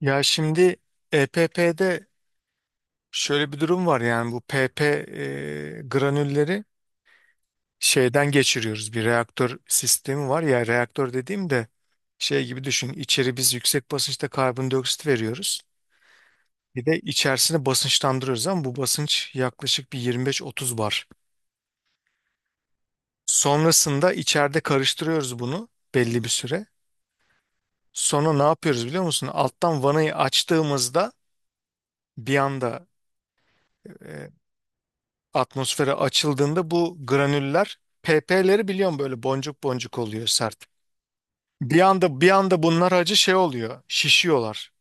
Ya şimdi EPP'de şöyle bir durum var, yani bu PP granülleri şeyden geçiriyoruz. Bir reaktör sistemi var ya, reaktör dediğim de şey gibi düşün, içeri biz yüksek basınçta karbondioksit veriyoruz, bir de içerisine basınçlandırıyoruz. Ama bu basınç yaklaşık bir 25-30 bar. Sonrasında içeride karıştırıyoruz bunu belli bir süre. Sonra ne yapıyoruz biliyor musun? Alttan vanayı açtığımızda bir anda e, atmosfere açıldığında bu granüller, PP'leri biliyorum, böyle boncuk boncuk oluyor sert. Bir anda bunlar acı şey oluyor. Şişiyorlar.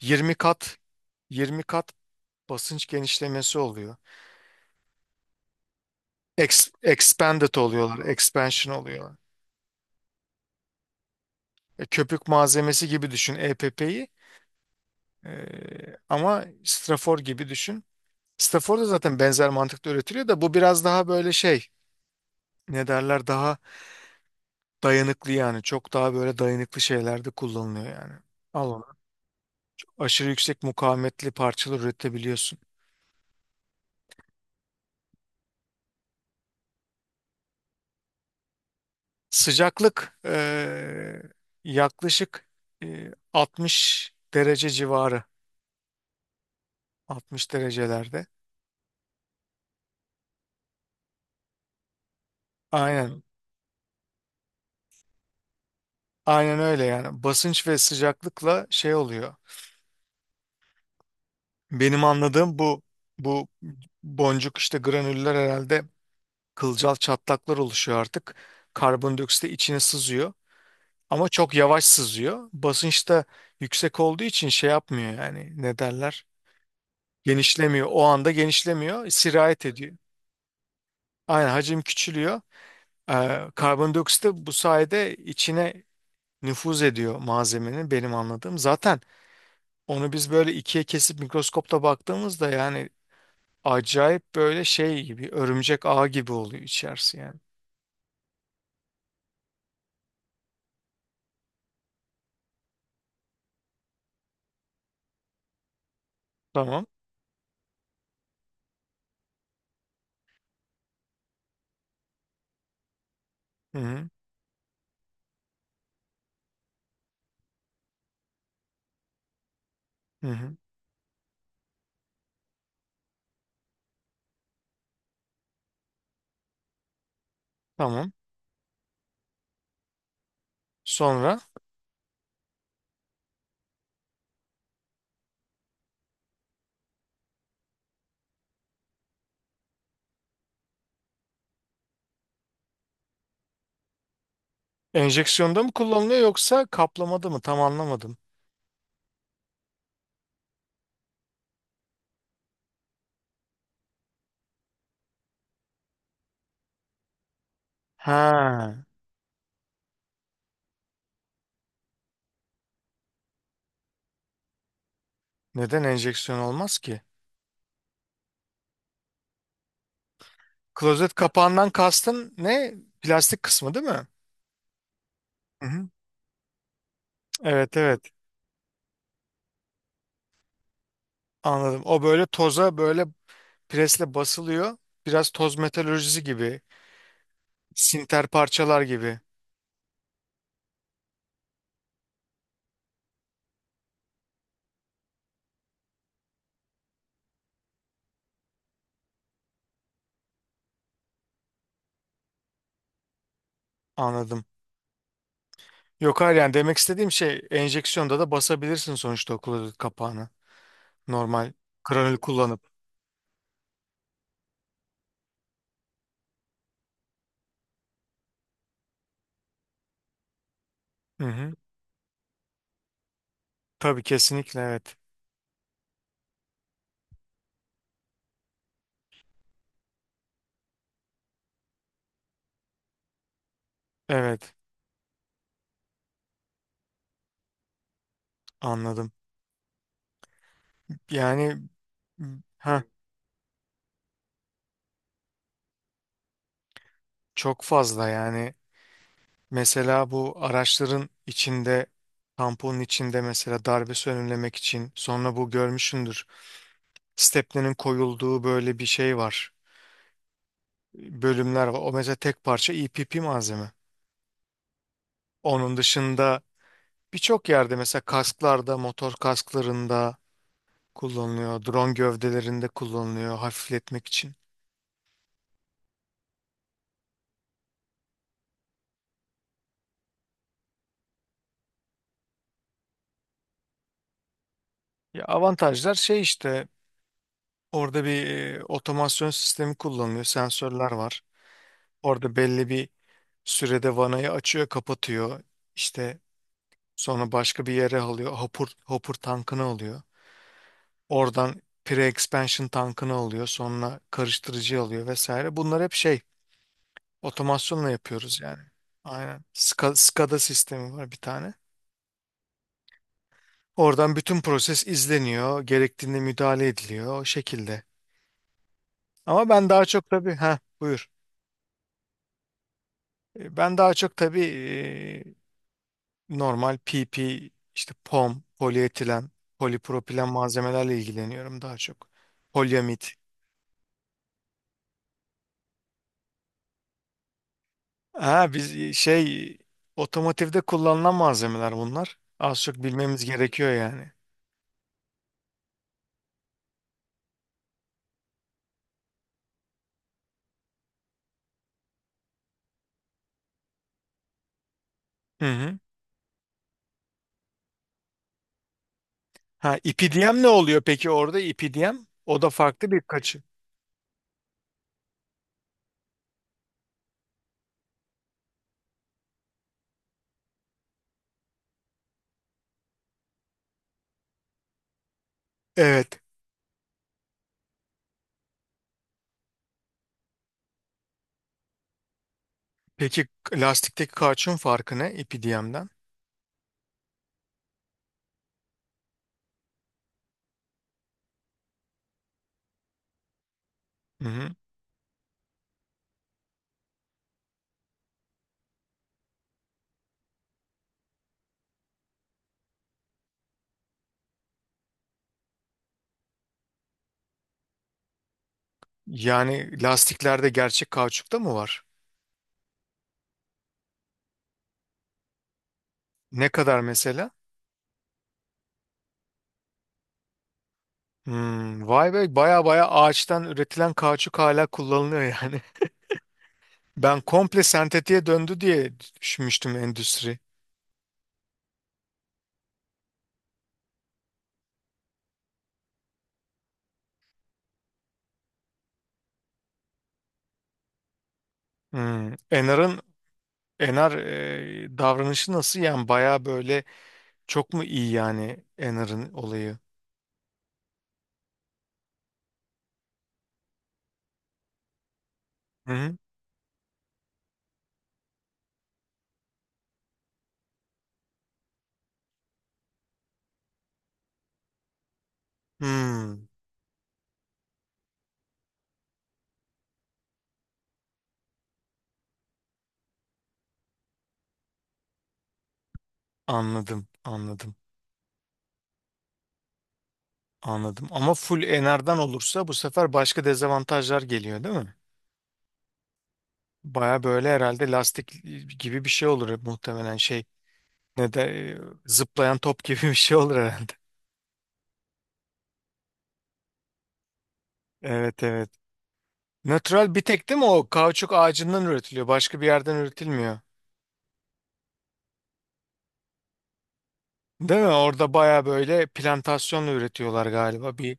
20 kat 20 kat basınç genişlemesi oluyor. Expanded oluyorlar, expansion oluyorlar. Köpük malzemesi gibi düşün EPP'yi. E, Ama strafor gibi düşün. Strafor da zaten benzer mantıkta üretiliyor, da bu biraz daha böyle şey, ne derler, daha dayanıklı. Yani çok daha böyle dayanıklı şeylerde kullanılıyor yani. Al onu. Aşırı yüksek mukavemetli parçalar üretebiliyorsun. Sıcaklık yaklaşık 60 derece civarı. 60 derecelerde. Aynen. Aynen öyle yani. Basınç ve sıcaklıkla şey oluyor. Benim anladığım, bu boncuk, işte granüller, herhalde kılcal çatlaklar oluşuyor artık. Karbondioksit de içine sızıyor. Ama çok yavaş sızıyor. Basınç da yüksek olduğu için şey yapmıyor yani, ne derler? Genişlemiyor. O anda genişlemiyor. Sirayet ediyor. Aynen, hacim küçülüyor. Karbondioksit de bu sayede içine nüfuz ediyor malzemenin, benim anladığım. Zaten onu biz böyle ikiye kesip mikroskopta baktığımızda, yani acayip böyle şey gibi, örümcek ağı gibi oluyor içerisi yani. Tamam. Hı hı. Hı hı. Tamam. Sonra enjeksiyonda mı kullanılıyor yoksa kaplamada mı? Tam anlamadım. Ha, neden enjeksiyon olmaz ki? Klozet kapağından kastın ne? Plastik kısmı değil mi? Hı hı. Evet, evet, anladım. O böyle toza, böyle presle basılıyor. Biraz toz metalurjisi gibi. Sinter parçalar gibi. Anladım. Yok, hayır, yani demek istediğim şey, enjeksiyonda da basabilirsin sonuçta o klozet kapağını. Normal kranül kullanıp. Hı hı. Tabii, kesinlikle, evet. Evet, anladım. Yani ha, çok fazla yani. Mesela bu araçların içinde, tamponun içinde mesela darbesi önlemek için. Sonra bu görmüşsündür, stepnenin koyulduğu böyle bir şey var. Bölümler var. O mesela tek parça EPP malzeme. Onun dışında birçok yerde, mesela kasklarda, motor kasklarında kullanılıyor. Drone gövdelerinde kullanılıyor hafifletmek için. Ya, avantajlar şey işte, orada bir otomasyon sistemi kullanılıyor. Sensörler var. Orada belli bir sürede vanayı açıyor, kapatıyor. İşte sonra başka bir yere alıyor. Hopper, hopper tankını alıyor. Oradan pre-expansion tankını alıyor. Sonra karıştırıcı alıyor vesaire. Bunlar hep şey, otomasyonla yapıyoruz yani. Aynen. SCADA sistemi var bir tane. Oradan bütün proses izleniyor. Gerektiğinde müdahale ediliyor o şekilde. Ama ben daha çok tabii, ha buyur. Ben daha çok tabii normal PP, işte POM, polietilen, polipropilen malzemelerle ilgileniyorum daha çok. Polyamid. Ha, biz şey, otomotivde kullanılan malzemeler bunlar. Az çok bilmemiz gerekiyor yani. Hı hı. Ha, ipidiyem ne oluyor peki, orada ipidiyem? O da farklı bir kaçı. Evet. Peki lastikteki kauçuğun farkı ne ipidiyemden? Hı hı. Yani lastiklerde gerçek kauçuk da mı var? Ne kadar mesela? Hmm, vay be, baya baya ağaçtan üretilen kauçuk hala kullanılıyor yani. Ben komple sentetiğe döndü diye düşünmüştüm endüstri. Hmm, Enar'ın, davranışı nasıl yani? Baya böyle çok mu iyi yani Enar'ın olayı? Hı-hı. Anladım, anladım, anladım, ama full Enar'dan olursa bu sefer başka dezavantajlar geliyor değil mi? Baya böyle herhalde lastik gibi bir şey olur muhtemelen, şey, ne de e, zıplayan top gibi bir şey olur herhalde. Evet, evet. Natural bir tek değil mi o, kauçuk ağacından üretiliyor. Başka bir yerden üretilmiyor. Değil mi? Orada baya böyle plantasyonla üretiyorlar galiba. Bir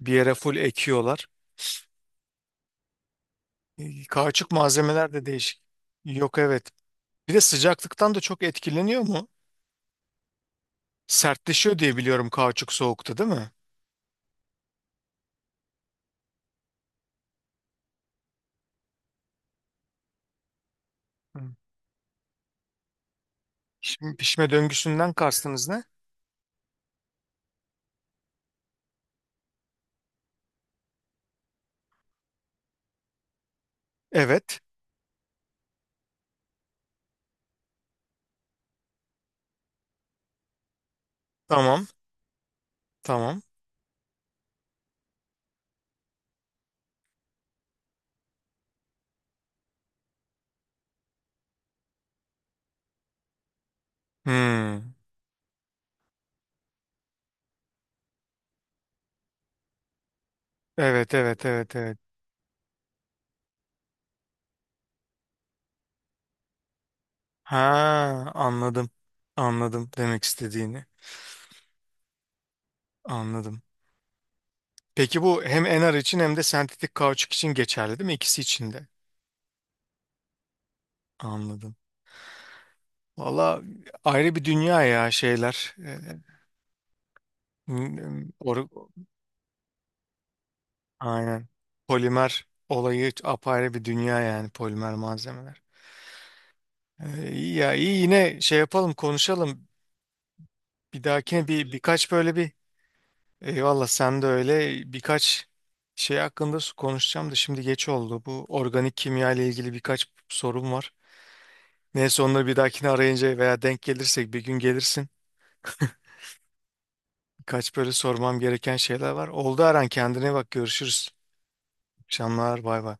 bir yere full ekiyorlar. Kauçuk malzemeler de değişik. Yok, evet. Bir de sıcaklıktan da çok etkileniyor mu? Sertleşiyor diye biliyorum kauçuk soğukta, değil mi? Hı. Şimdi pişme döngüsünden kastınız ne? Evet. Tamam. Tamam. Hmm. Evet, evet, evet, evet. Ha, anladım. Anladım demek istediğini. Anladım. Peki bu hem NR için hem de sentetik kauçuk için geçerli değil mi? İkisi için de. Anladım. Valla ayrı bir dünya ya şeyler. M- m- or- aynen. Polimer olayı apayrı bir dünya, yani polimer malzemeler. İyi ya, iyi, yine şey yapalım, konuşalım. Bir dahakine bir birkaç böyle bir, eyvallah. Sen de öyle birkaç şey hakkında konuşacağım da, şimdi geç oldu. Bu organik kimya ile ilgili birkaç sorum var. Neyse, onları bir dahakine arayınca veya denk gelirsek bir gün gelirsin. Kaç böyle sormam gereken şeyler var. Oldu, Aran, kendine bak, görüşürüz. İyi akşamlar, bay bay.